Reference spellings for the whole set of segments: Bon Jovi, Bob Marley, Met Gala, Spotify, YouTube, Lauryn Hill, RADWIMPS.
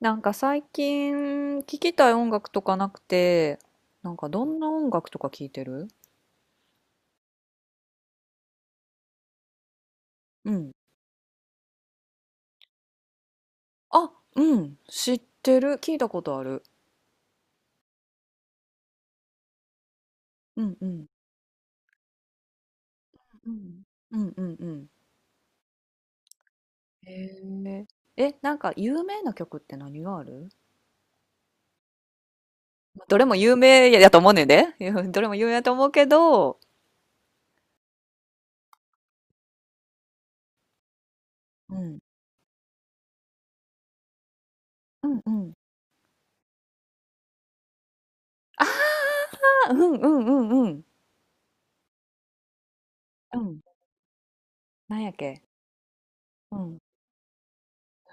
なんか最近聴きたい音楽とかなくて、なんかどんな音楽とか聴いてる？うん。あ、うん。知ってる。聞いたことある。うんうん。うんうんうんうん。へえ。え、なんか有名な曲って何がある？まあどれも有名やと思うねんで。どれも有名やと思うけど。うん。うんうん。あ、うんうんうんうん。うん。なんやっけ。うん。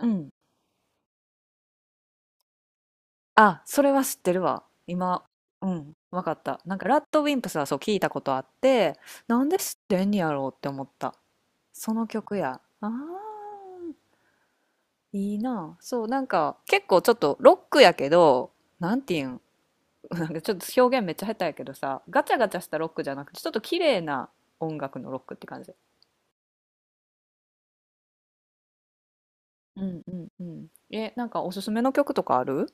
うん。あ、それは知ってるわ。今、うん、わかった。なんか、ラッドウィンプスはそう聞いたことあって、なんで知ってんやろうって思った。その曲や。ああ、いいな。そう、なんか、結構ちょっとロックやけど、なんていうん、なんかちょっと表現めっちゃ下手やけどさ、ガチャガチャしたロックじゃなくて、ちょっと綺麗な音楽のロックって感じ。うんうんうん。え、なんかおすすめの曲とかある？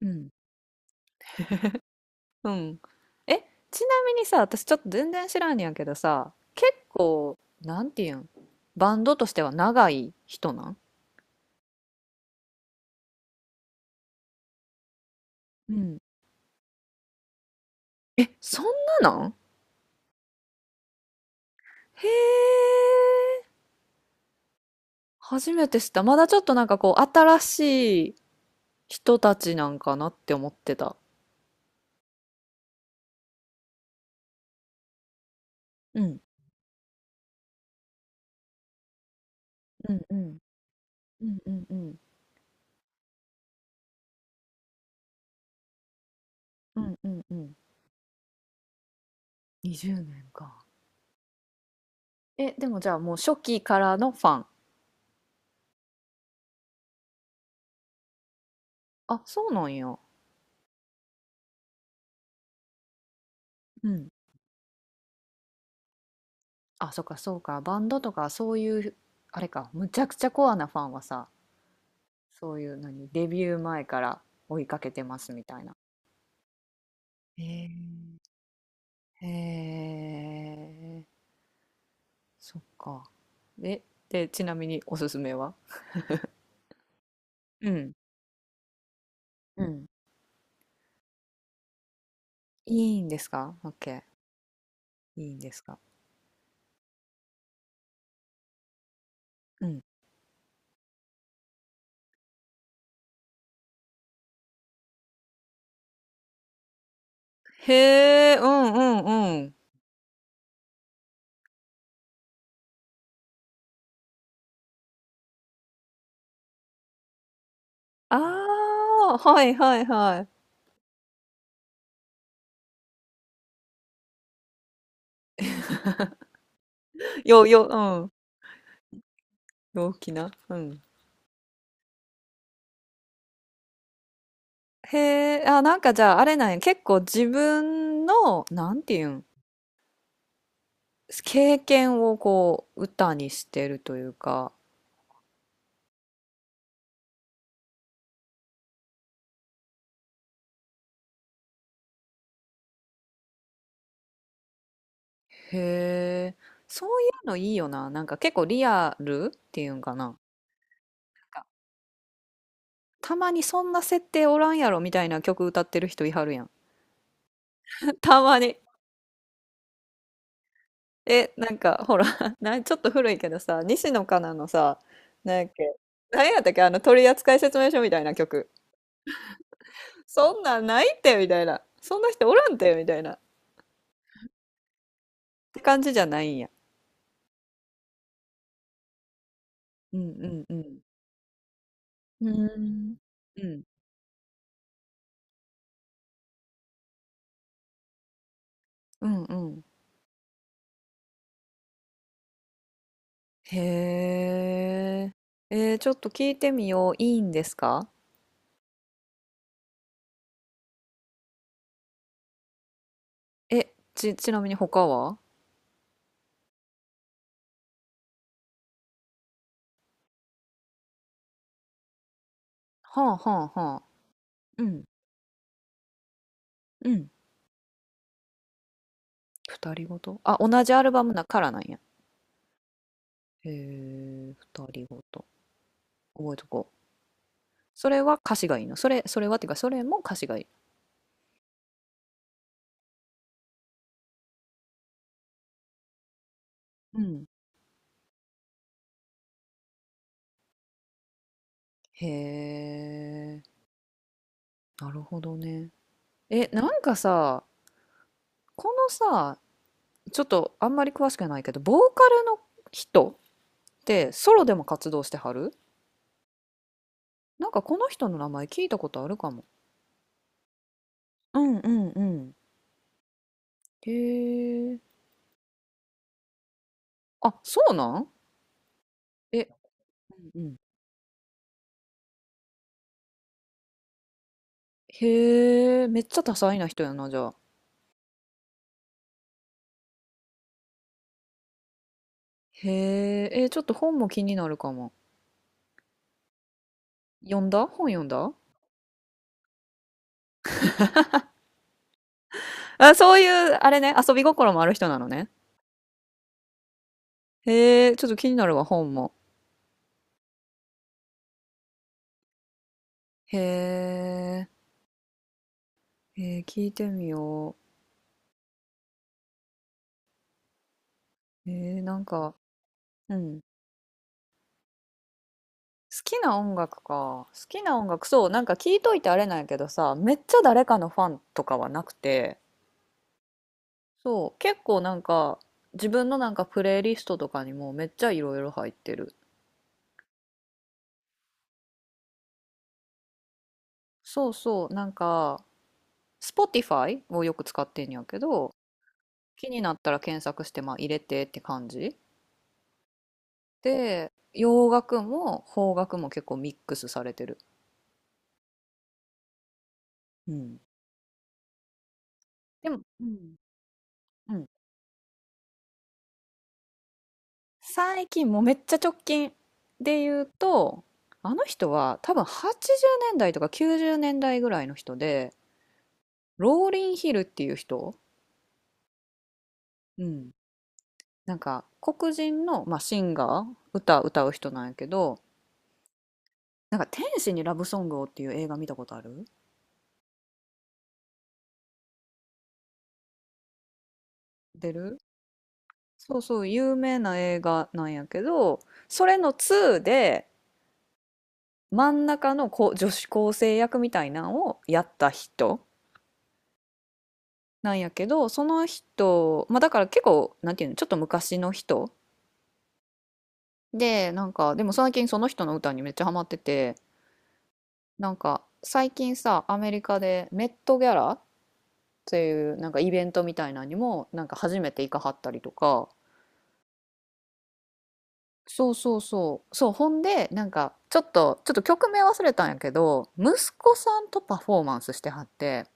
うん。うん。え、ちなみにさ、私ちょっと全然知らんねやけどさ、結構、なんていうん、バンドとしては長い人なん？うん。え、そんななん、へえ、初めて知った。まだちょっとなんかこう、新しい人たちなんかなって思ってた。うん。うんうん。うんうんうん。うんうんうん。20年か。え、でもじゃあもう初期からのファン？あ、そうなんや。うん。あ、そっかそうか。バンドとかそういう、あれか、むちゃくちゃコアなファンはさ、そういう何、デビュー前から追いかけてますみたいな。へえーへえ、そっか。え、で、ちなみにおすすめは？うん。うん。いいんですか？ OK。いいんですか？うん。へえ、うんうんうん。ああ、はいはいはい。よ、よ、うん。陽気な。うん。へえ、あ、なんかじゃああれなんや、結構自分の、なんていうん、経験をこう歌にしてるというか、へえ、そういうのいいよな。なんか結構リアルっていうんかな。たまにそんな設定おらんやろみたいな曲歌ってる人いはるやん。たまに。え、なんかほらな、ちょっと古いけどさ、西野カナのさ、なんやっけ、なんやったっけ、あの取扱説明書みたいな曲。そんなんないってみたいな。そんな人おらんってみたいな。って感じじゃないんや。うんうんうん。うーん。うん。うんうん。へえ。えー、ちょっと聞いてみよう。いいんですか？え、ち、ちなみに他は？はあはあはあ。うん。うん。二人ごと、あ、同じアルバムだからなんや。へえ、二人ごと。覚えとこう。それは歌詞がいいの？それ、それはっていうか、それも歌詞がいい？うん。へえ。なるほどね。え、なんかさ、このさ、ちょっとあんまり詳しくないけど、ボーカルの人ってソロでも活動してはる？なんかこの人の名前聞いたことあるかも。うんうんうん。へえ。あ、そうなん？え、うんうん。へえ、めっちゃ多彩な人やな、じゃあ。へえ、えー、ちょっと本も気になるかも。読んだ本、読んだ？あ、そういう、あれね、遊び心もある人なのね。へえ、ちょっと気になるわ、本も。へえ、えー、聞いてみよう。えー、なんか、うん。好きな音楽か。好きな音楽、そう、なんか聞いといてあれなんやけどさ、めっちゃ誰かのファンとかはなくて、そう、結構なんか、自分のなんかプレイリストとかにもめっちゃいろいろ入ってる。そうそう、なんか、Spotify をよく使ってんやけど、気になったら検索して、まあ入れてって感じ。で、洋楽も邦楽も結構ミックスされてる。うん。でも、うん。うん、最近もうめっちゃ直近で言うと、あの人は多分80年代とか90年代ぐらいの人で、ローリン・ヒルっていう人、うん、なんか黒人の、まあ、シンガー、歌歌う人なんやけど、なんか「天使にラブソングを」っていう映画見たことある？出る？そうそう、有名な映画なんやけど、それの2で真ん中のこ女子高生役みたいなんをやった人なんやけど、その人、まあだから結構、なんていうの、ちょっと昔の人で、なんか、でも最近その人の歌にめっちゃハマってて、なんか最近さ、アメリカでメットギャラっていうなんかイベントみたいなのにも、なんか初めて行かはったりとか、そうそうそう、そう、ほんで、なんかちょっと、ちょっと曲名忘れたんやけど、息子さんとパフォーマンスしてはって、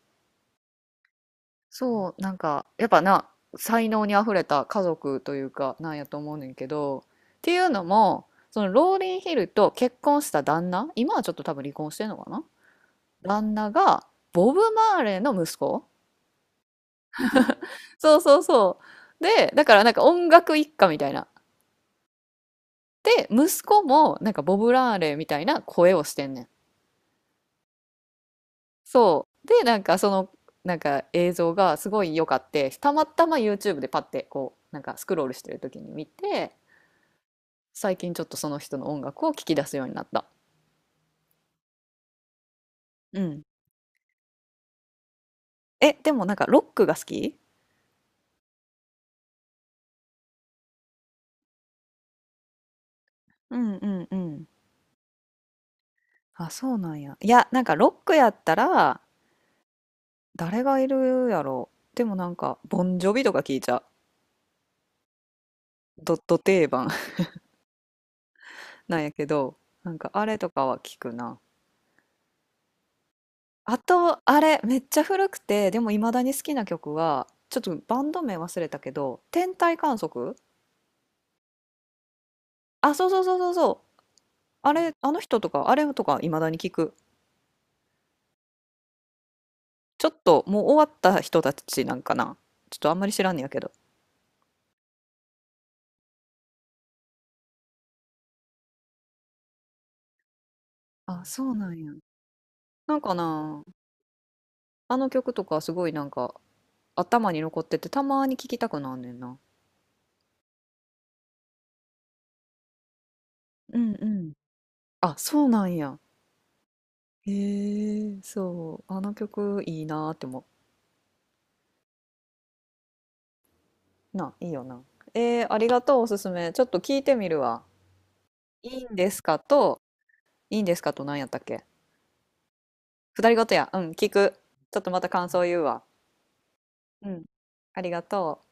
そう、なんか、やっぱな、才能にあふれた家族というか、なんやと思うねんけど、っていうのも、そのローリンヒルと結婚した旦那、今はちょっと多分離婚してんのかな、旦那が、ボブ・マーレーの息子。そうそうそう。で、だからなんか音楽一家みたいな。で、息子もなんかボブ・ラーレーみたいな声をしてんねん。そう。で、なんかその、なんか映像がすごい良かって、たまたま YouTube でパッてこう、なんかスクロールしてる時に見て、最近ちょっとその人の音楽を聞き出すようになった。うん。え、でもなんかロックが好き？うんうんうん。あ、そうなんや。いや、なんかロックやったら、誰がいるやろ？でもなんか、ボンジョビとか聞いちゃう。ドット定番 なんやけど、なんかあれとかは聞くな。あと、あれ、めっちゃ古くて、でも未だに好きな曲は、ちょっとバンド名忘れたけど、天体観測。あ、そうそうそうそうそう。あれ、あの人とか、あれとか未だに聞く。ちょっともう終わった人たちなんかな。ちょっとあんまり知らんねやけど。あ、そうなんや。なんかな、あの曲とかすごいなんか頭に残っててたまに聴きたくなんねんな。うんうん。あ、そうなんや。へえ、そう。あの曲いいなーって思う。な、いいよな。えー、ありがとう、おすすめ。ちょっと聞いてみるわ。いいんですかと、いいんですかと何やったっけ？二人ごとや。うん、聞く。ちょっとまた感想言うわ。うん、ありがとう。